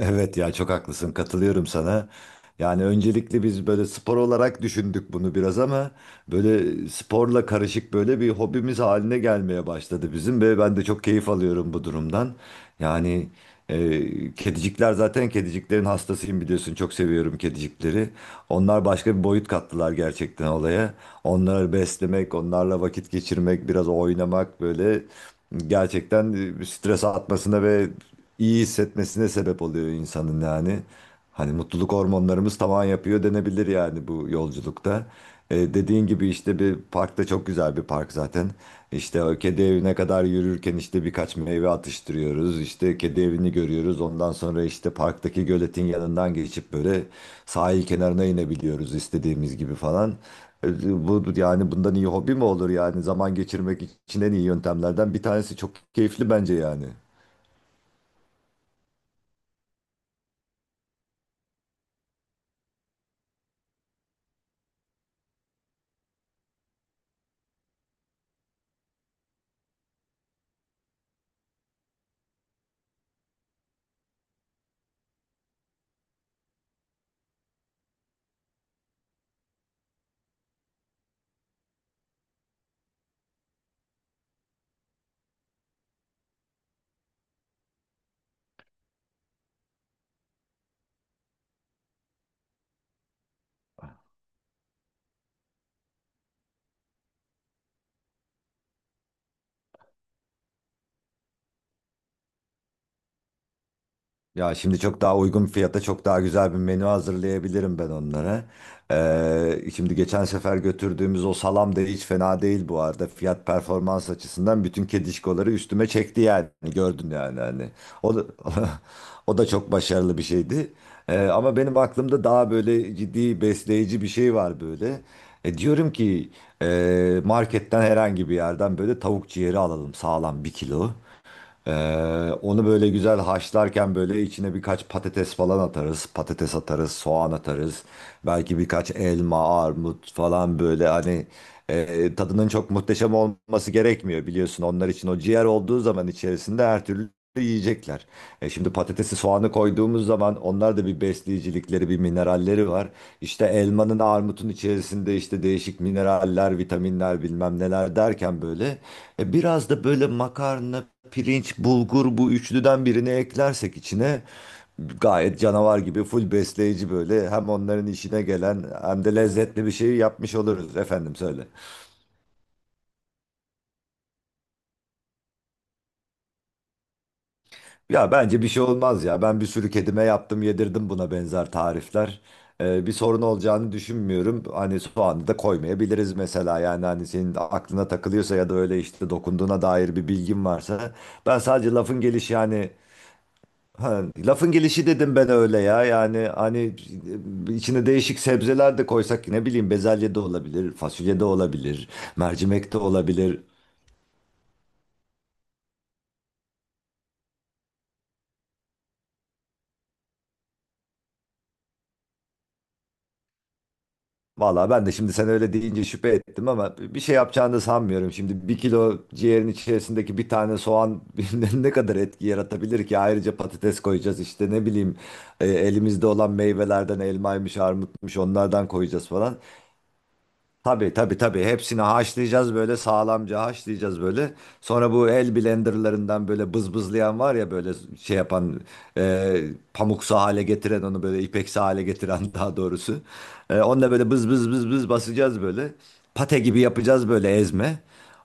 Evet ya çok haklısın katılıyorum sana. Yani öncelikle biz böyle spor olarak düşündük bunu biraz ama böyle sporla karışık böyle bir hobimiz haline gelmeye başladı bizim ve ben de çok keyif alıyorum bu durumdan. Yani kedicikler zaten kediciklerin hastasıyım biliyorsun çok seviyorum kedicikleri. Onlar başka bir boyut kattılar gerçekten olaya. Onları beslemek, onlarla vakit geçirmek, biraz oynamak böyle gerçekten stres atmasına ve iyi hissetmesine sebep oluyor insanın yani. Hani mutluluk hormonlarımız tavan yapıyor denebilir yani bu yolculukta. Dediğin gibi işte bir parkta çok güzel bir park zaten. İşte o kedi evine kadar yürürken işte birkaç meyve atıştırıyoruz. İşte kedi evini görüyoruz. Ondan sonra işte parktaki göletin yanından geçip böyle sahil kenarına inebiliyoruz istediğimiz gibi falan. Bu yani bundan iyi hobi mi olur yani zaman geçirmek için en iyi yöntemlerden bir tanesi çok keyifli bence yani. Ya şimdi çok daha uygun fiyata çok daha güzel bir menü hazırlayabilirim ben onlara. Şimdi geçen sefer götürdüğümüz o salam da hiç fena değil bu arada. Fiyat performans açısından bütün kedişkoları üstüme çekti yani. Gördün yani hani. O da, o da çok başarılı bir şeydi. Ama benim aklımda daha böyle ciddi besleyici bir şey var böyle. Diyorum ki marketten herhangi bir yerden böyle tavuk ciğeri alalım sağlam bir kilo. Ee, onu böyle güzel haşlarken böyle içine birkaç patates falan atarız. Patates atarız, soğan atarız. Belki birkaç elma, armut falan böyle hani tadının çok muhteşem olması gerekmiyor biliyorsun. Onlar için o ciğer olduğu zaman içerisinde her türlü yiyecekler. Şimdi patatesi soğanı koyduğumuz zaman onlar da bir besleyicilikleri, bir mineralleri var. İşte elmanın, armutun içerisinde işte değişik mineraller, vitaminler bilmem neler derken böyle biraz da böyle makarna, pirinç, bulgur bu üçlüden birini eklersek içine gayet canavar gibi full besleyici böyle hem onların işine gelen hem de lezzetli bir şey yapmış oluruz efendim söyle. Ya bence bir şey olmaz ya ben bir sürü kedime yaptım yedirdim buna benzer tarifler. Bir sorun olacağını düşünmüyorum. Hani soğanı da koymayabiliriz mesela yani hani senin aklına takılıyorsa ya da öyle işte dokunduğuna dair bir bilgin varsa ben sadece lafın gelişi yani. Ha, lafın gelişi dedim ben öyle ya. Yani hani içine değişik sebzeler de koysak ne bileyim bezelye de olabilir, fasulye de olabilir, mercimek de olabilir. Valla ben de şimdi sen öyle deyince şüphe ettim ama bir şey yapacağını da sanmıyorum. Şimdi bir kilo ciğerin içerisindeki bir tane soğan ne kadar etki yaratabilir ki? Ayrıca patates koyacağız işte ne bileyim elimizde olan meyvelerden elmaymış, armutmuş onlardan koyacağız falan. Tabii tabii tabii. Hepsini haşlayacağız böyle sağlamca haşlayacağız böyle. Sonra bu el blenderlarından böyle bızbızlayan var ya böyle şey yapan e, pamuksu hale getiren onu böyle ipeksi hale getiren daha doğrusu. Onunla böyle bız bız bız bız basacağız böyle. Pate gibi yapacağız böyle ezme.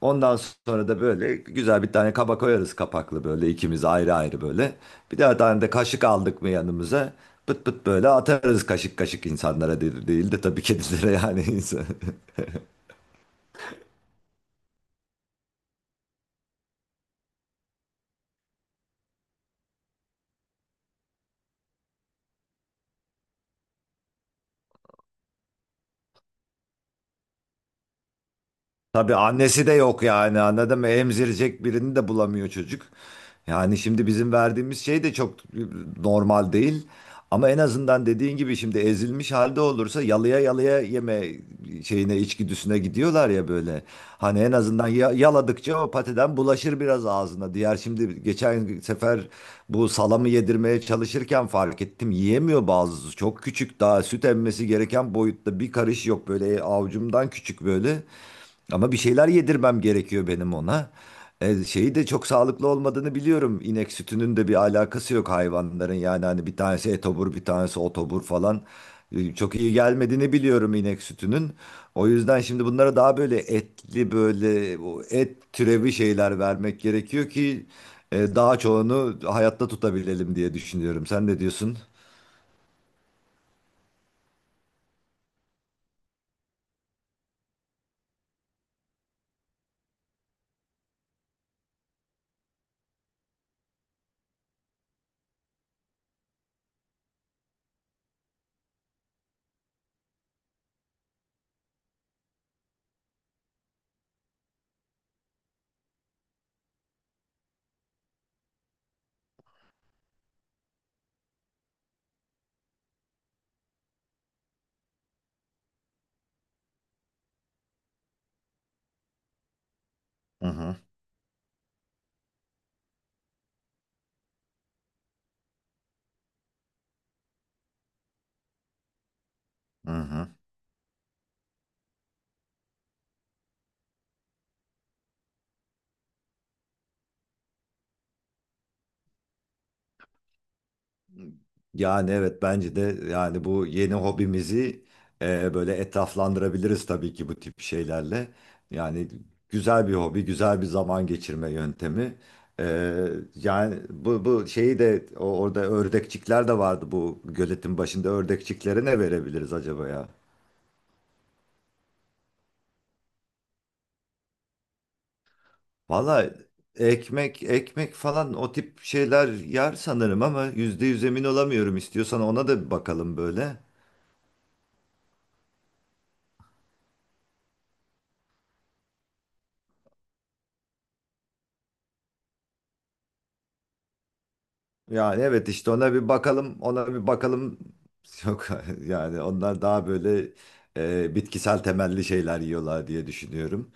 Ondan sonra da böyle güzel bir tane kaba koyarız kapaklı böyle ikimiz ayrı ayrı böyle. Bir daha tane de kaşık aldık mı yanımıza? Pıt pıt böyle atarız kaşık kaşık insanlara değil, değil de tabii kedilere yani insan. Tabii annesi de yok yani anladın mı? Emzirecek birini de bulamıyor çocuk. Yani şimdi bizim verdiğimiz şey de çok normal değil. Ama en azından dediğin gibi şimdi ezilmiş halde olursa yalıya yalıya yeme şeyine içgüdüsüne gidiyorlar ya böyle. Hani en azından yaladıkça o patiden bulaşır biraz ağzına. Diğer şimdi geçen sefer bu salamı yedirmeye çalışırken fark ettim. Yiyemiyor bazısı. Çok küçük daha süt emmesi gereken boyutta bir karış yok böyle. Avucumdan küçük böyle. Ama bir şeyler yedirmem gerekiyor benim ona. Şeyi de çok sağlıklı olmadığını biliyorum. İnek sütünün de bir alakası yok hayvanların. Yani hani bir tanesi etobur, bir tanesi otobur falan. Çok iyi gelmediğini biliyorum inek sütünün. O yüzden şimdi bunlara daha böyle etli böyle o et türevi şeyler vermek gerekiyor ki daha çoğunu hayatta tutabilelim diye düşünüyorum. Sen ne diyorsun? Hı hı. Hı hı. Yani evet bence de yani bu yeni hobimizi böyle etraflandırabiliriz tabii ki bu tip şeylerle. Yani güzel bir hobi, güzel bir zaman geçirme yöntemi. E, yani bu şeyi de orada ördekçikler de vardı bu göletin başında ördekçiklere ne verebiliriz acaba ya? Valla ekmek ekmek falan o tip şeyler yer sanırım ama %100 emin olamıyorum. İstiyorsan ona da bir bakalım böyle. Yani evet işte ona bir bakalım, ona bir bakalım. Yok yani onlar daha böyle bitkisel temelli şeyler yiyorlar diye düşünüyorum.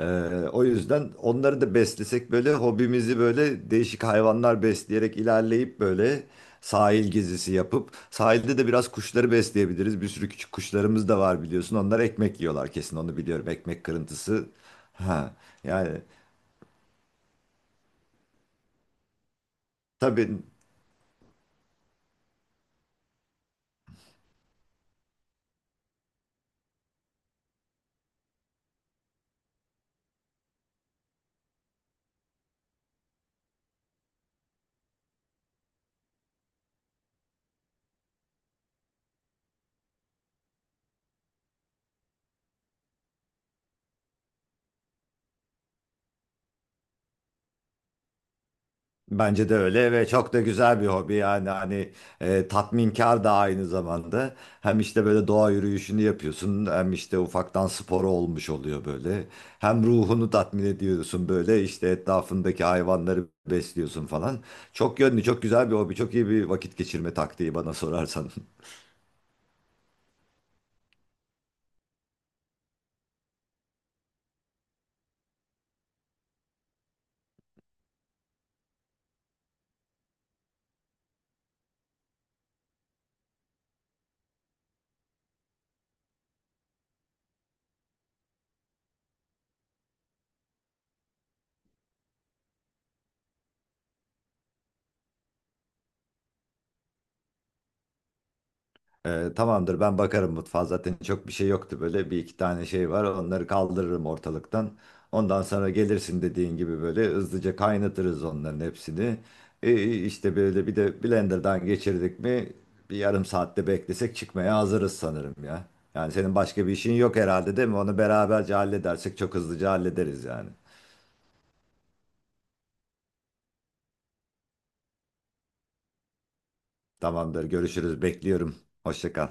E, o yüzden onları da beslesek böyle hobimizi böyle değişik hayvanlar besleyerek ilerleyip böyle sahil gezisi yapıp sahilde de biraz kuşları besleyebiliriz. Bir sürü küçük kuşlarımız da var biliyorsun. Onlar ekmek yiyorlar kesin onu biliyorum. Ekmek kırıntısı. Ha, yani tabii. Bence de öyle ve çok da güzel bir hobi yani hani tatminkar da aynı zamanda. Hem işte böyle doğa yürüyüşünü yapıyorsun hem işte ufaktan sporu olmuş oluyor böyle. Hem ruhunu tatmin ediyorsun böyle işte etrafındaki hayvanları besliyorsun falan. Çok yönlü çok güzel bir hobi çok iyi bir vakit geçirme taktiği bana sorarsan. Tamamdır ben bakarım mutfağa zaten çok bir şey yoktu böyle bir iki tane şey var onları kaldırırım ortalıktan. Ondan sonra gelirsin dediğin gibi böyle hızlıca kaynatırız onların hepsini. İşte böyle bir de blenderdan geçirdik mi bir yarım saatte beklesek çıkmaya hazırız sanırım ya. Yani senin başka bir işin yok herhalde değil mi? Onu beraberce halledersek çok hızlıca hallederiz yani. Tamamdır görüşürüz bekliyorum. Hoşça kal.